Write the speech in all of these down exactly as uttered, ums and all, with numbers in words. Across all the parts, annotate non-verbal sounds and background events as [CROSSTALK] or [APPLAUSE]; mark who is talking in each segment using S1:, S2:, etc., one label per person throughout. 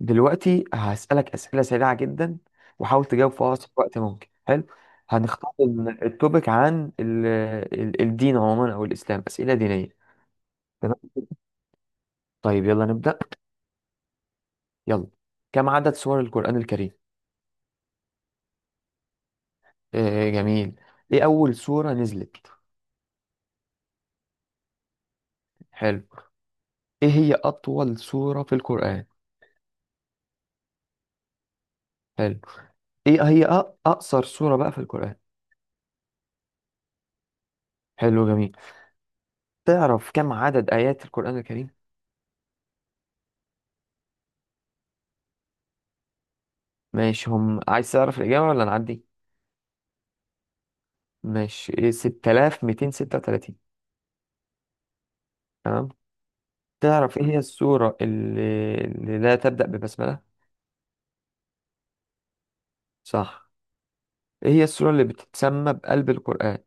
S1: دلوقتي هسألك أسئلة سريعة جدا، وحاول تجاوب في أقصر وقت ممكن. حلو. هنختار ال- التوبيك عن ال- ال- الدين عموما، أو الإسلام، أسئلة دينية. تمام. طيب يلا نبدأ. يلا. كم عدد سور القرآن الكريم؟ آه جميل. إيه أول سورة نزلت؟ حلو. إيه هي أطول سورة في القرآن؟ حلو. إيه هي أ- أقصر سورة بقى في القرآن؟ حلو جميل. تعرف كم عدد آيات القرآن الكريم؟ ماشي. هم عايز تعرف الإجابة ولا نعدي؟ ماشي، ستة آلاف ومئتين وستة وثلاثين. تمام. تعرف ايه هي السورة اللي, اللي لا تبدأ ببسملة؟ صح. ايه هي السورة اللي بتتسمى بقلب القرآن؟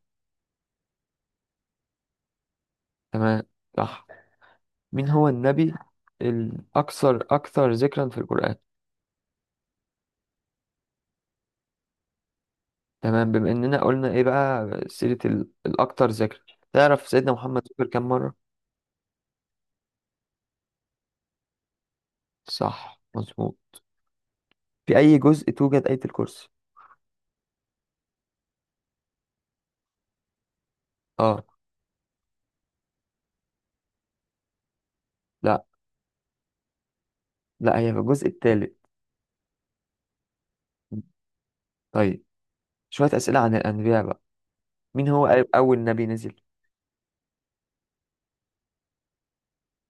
S1: تمام، صح. مين هو النبي الأكثر أكثر ذكرا في القرآن؟ تمام. بما إننا قلنا ايه بقى سيرة ال- الأكثر ذكر، تعرف سيدنا محمد ذكر كم مرة؟ صح مظبوط. في أي جزء توجد آية الكرسي؟ اه. لا لا، هي في الجزء الثالث. طيب شوية أسئلة عن الأنبياء بقى. مين هو أ- أول نبي نزل؟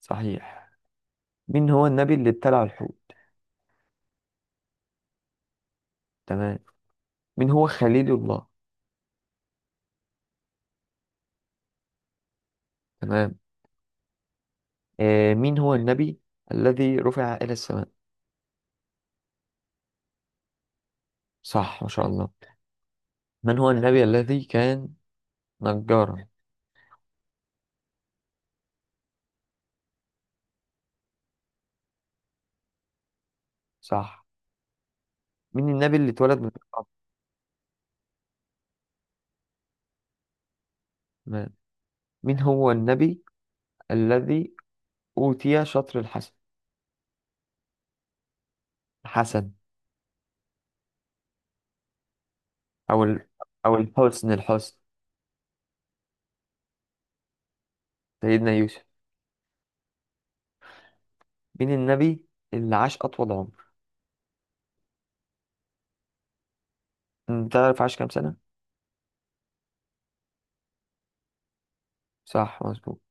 S1: صحيح. مين هو النبي اللي ابتلع الحوت؟ تمام. مين هو خليل الله؟ تمام. آه، مين هو النبي الذي رفع إلى السماء؟ صح، ما شاء الله. من هو النبي الذي كان نجارا؟ صح. مين النبي اللي اتولد من الأرض؟ تمام. مين هو النبي الذي أوتي شطر الحسن الحسن؟ أو ال... أو الحسن الحسن؟ سيدنا يوسف. مين النبي اللي عاش أطول عمر؟ أنت تعرف عاش كام سنة؟ صح مظبوط.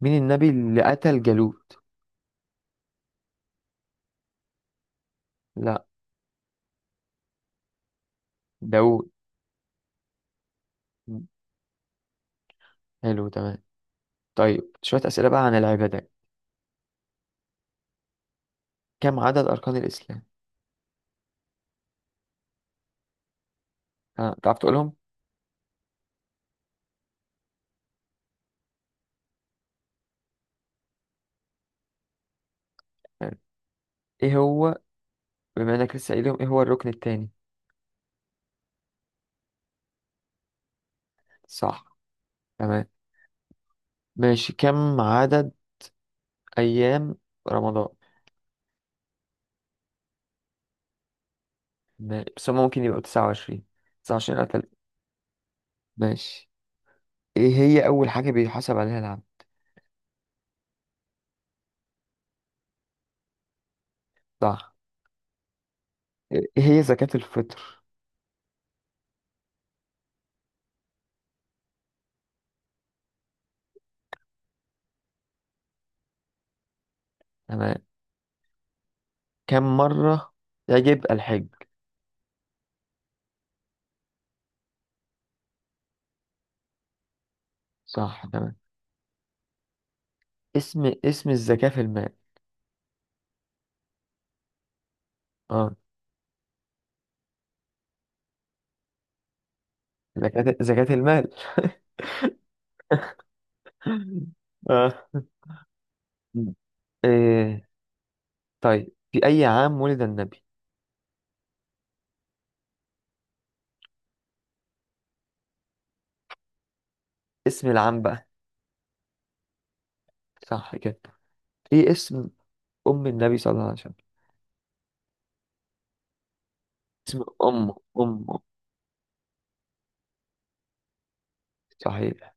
S1: مين النبي اللي قتل جالوت؟ لا، داوود. حلو تمام. طيب شوية أسئلة بقى عن العبادات. كم عدد أركان الإسلام؟ ها، تعرف تقولهم؟ حلو. إيه هو، بما إنك لسه قايلهم، إيه هو الركن التاني؟ صح تمام. ماشي. كم عدد أيام رمضان؟ ما- بس هما ممكن يبقوا تسعة وعشرين. تسعة وعشرين قتل. ماشي. إيه هي أول حاجة بيحاسب عليها العبد؟ صح. إيه هي زكاة الفطر؟ تمام. كم مرة يجب الحج؟ صح تمام. اسم اسم الزكاة في المال. اه. زكاة زكاة المال. [LAUGHS] اه. م. إيه. طيب في أي عام ولد النبي؟ اسم العام بقى. صح كده. ايه اسم أم النبي صلى الله عليه وسلم؟ اسم أمه أمه. صحيح.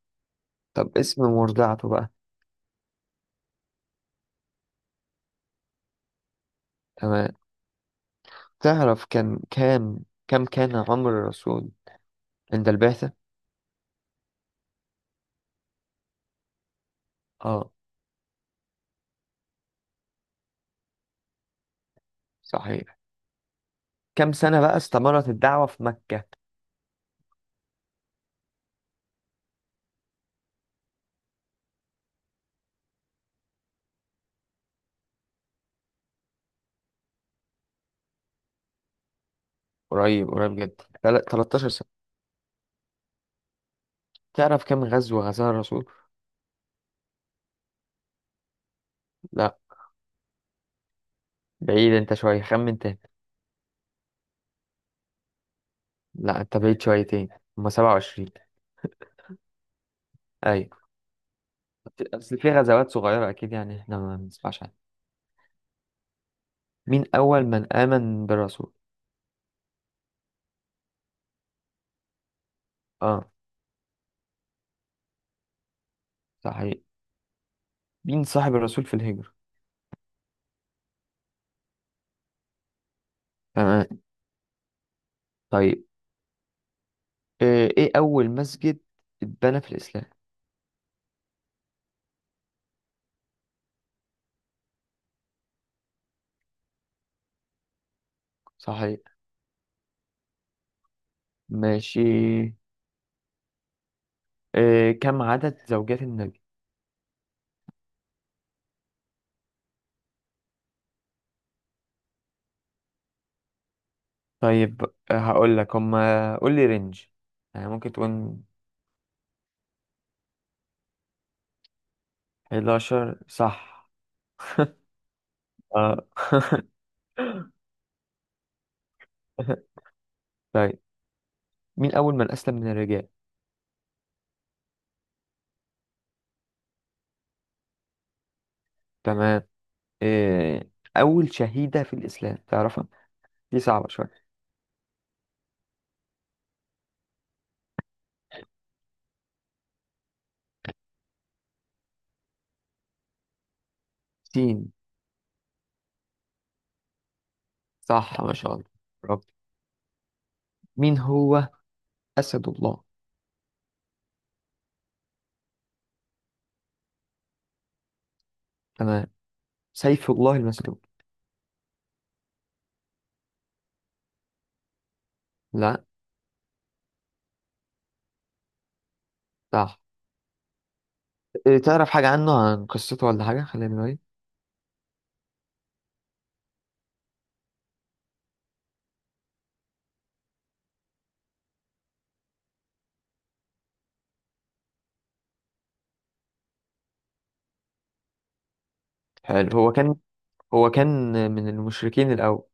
S1: طب اسم مرضعته بقى. تمام. تعرف كان كام كم كان عمر الرسول عند البعثة؟ اه. صحيح. كم سنة بقى استمرت الدعوة في مكة؟ قريب قريب جدا. تل- ثلاثة عشر سنة. تعرف كم غزوة غزاها الرسول؟ لا، بعيد انت شوية، خمن. لا، انت بعيد شويتين. هما سبعة وعشرين. ايوه. اصل في غزوات صغيرة اكيد، يعني احنا ما بنسمعش عنها. مين اول من امن بالرسول؟ اه. صحيح. مين صاحب الرسول في الهجرة؟ تمام. طيب آه، ايه اول مسجد اتبنى في الاسلام؟ صحيح. ماشي. آه، كم عدد زوجات النبي؟ طيب آه، هقول لك هما، قول لي رينج، يعني ممكن تقول. حداشر صح. اه. [LAUGHS] طيب مين اول من اسلم من الرجال؟ تمام. آه، أول شهيدة في الإسلام تعرفها؟ دي صعبة شوية. سين. صح، ما شاء الله. برافو. مين هو أسد الله؟ تمام. سيف الله المسلول. لا. صح. آه، تعرف حاجة عنه، عن قصته ولا حاجة؟ خلينا نقول. حلو. هو كان هو كان من المشركين الأول.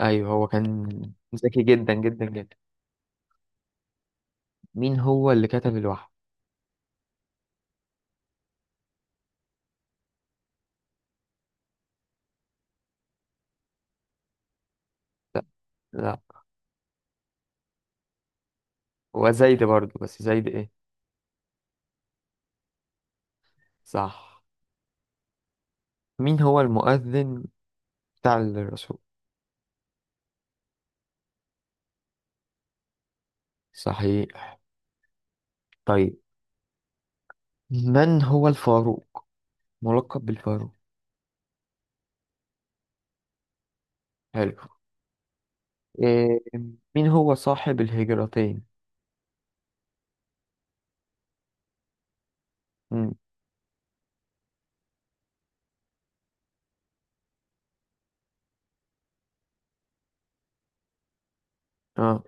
S1: أيوه، هو كان ذكي جدا جدا جدا. مين هو اللي كتب الوحي؟ لا لا، هو زيد برضه، بس زيد إيه؟ صح. مين هو المؤذن بتاع الرسول؟ صحيح. طيب من هو الفاروق، ملقب بالفاروق؟ حلو. إيه، مين هو صاحب الهجرتين؟ مم. اه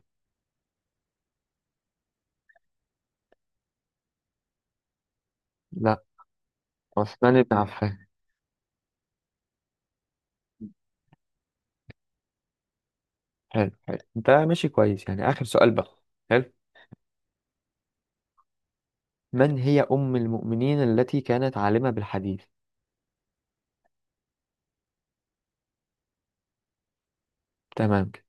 S1: لا. عثمان بن عفان. حلو. حلو ده، ماشي كويس يعني. آخر سؤال بقى. حلو. من هي أم المؤمنين التي كانت عالمة بالحديث؟ تمام كده.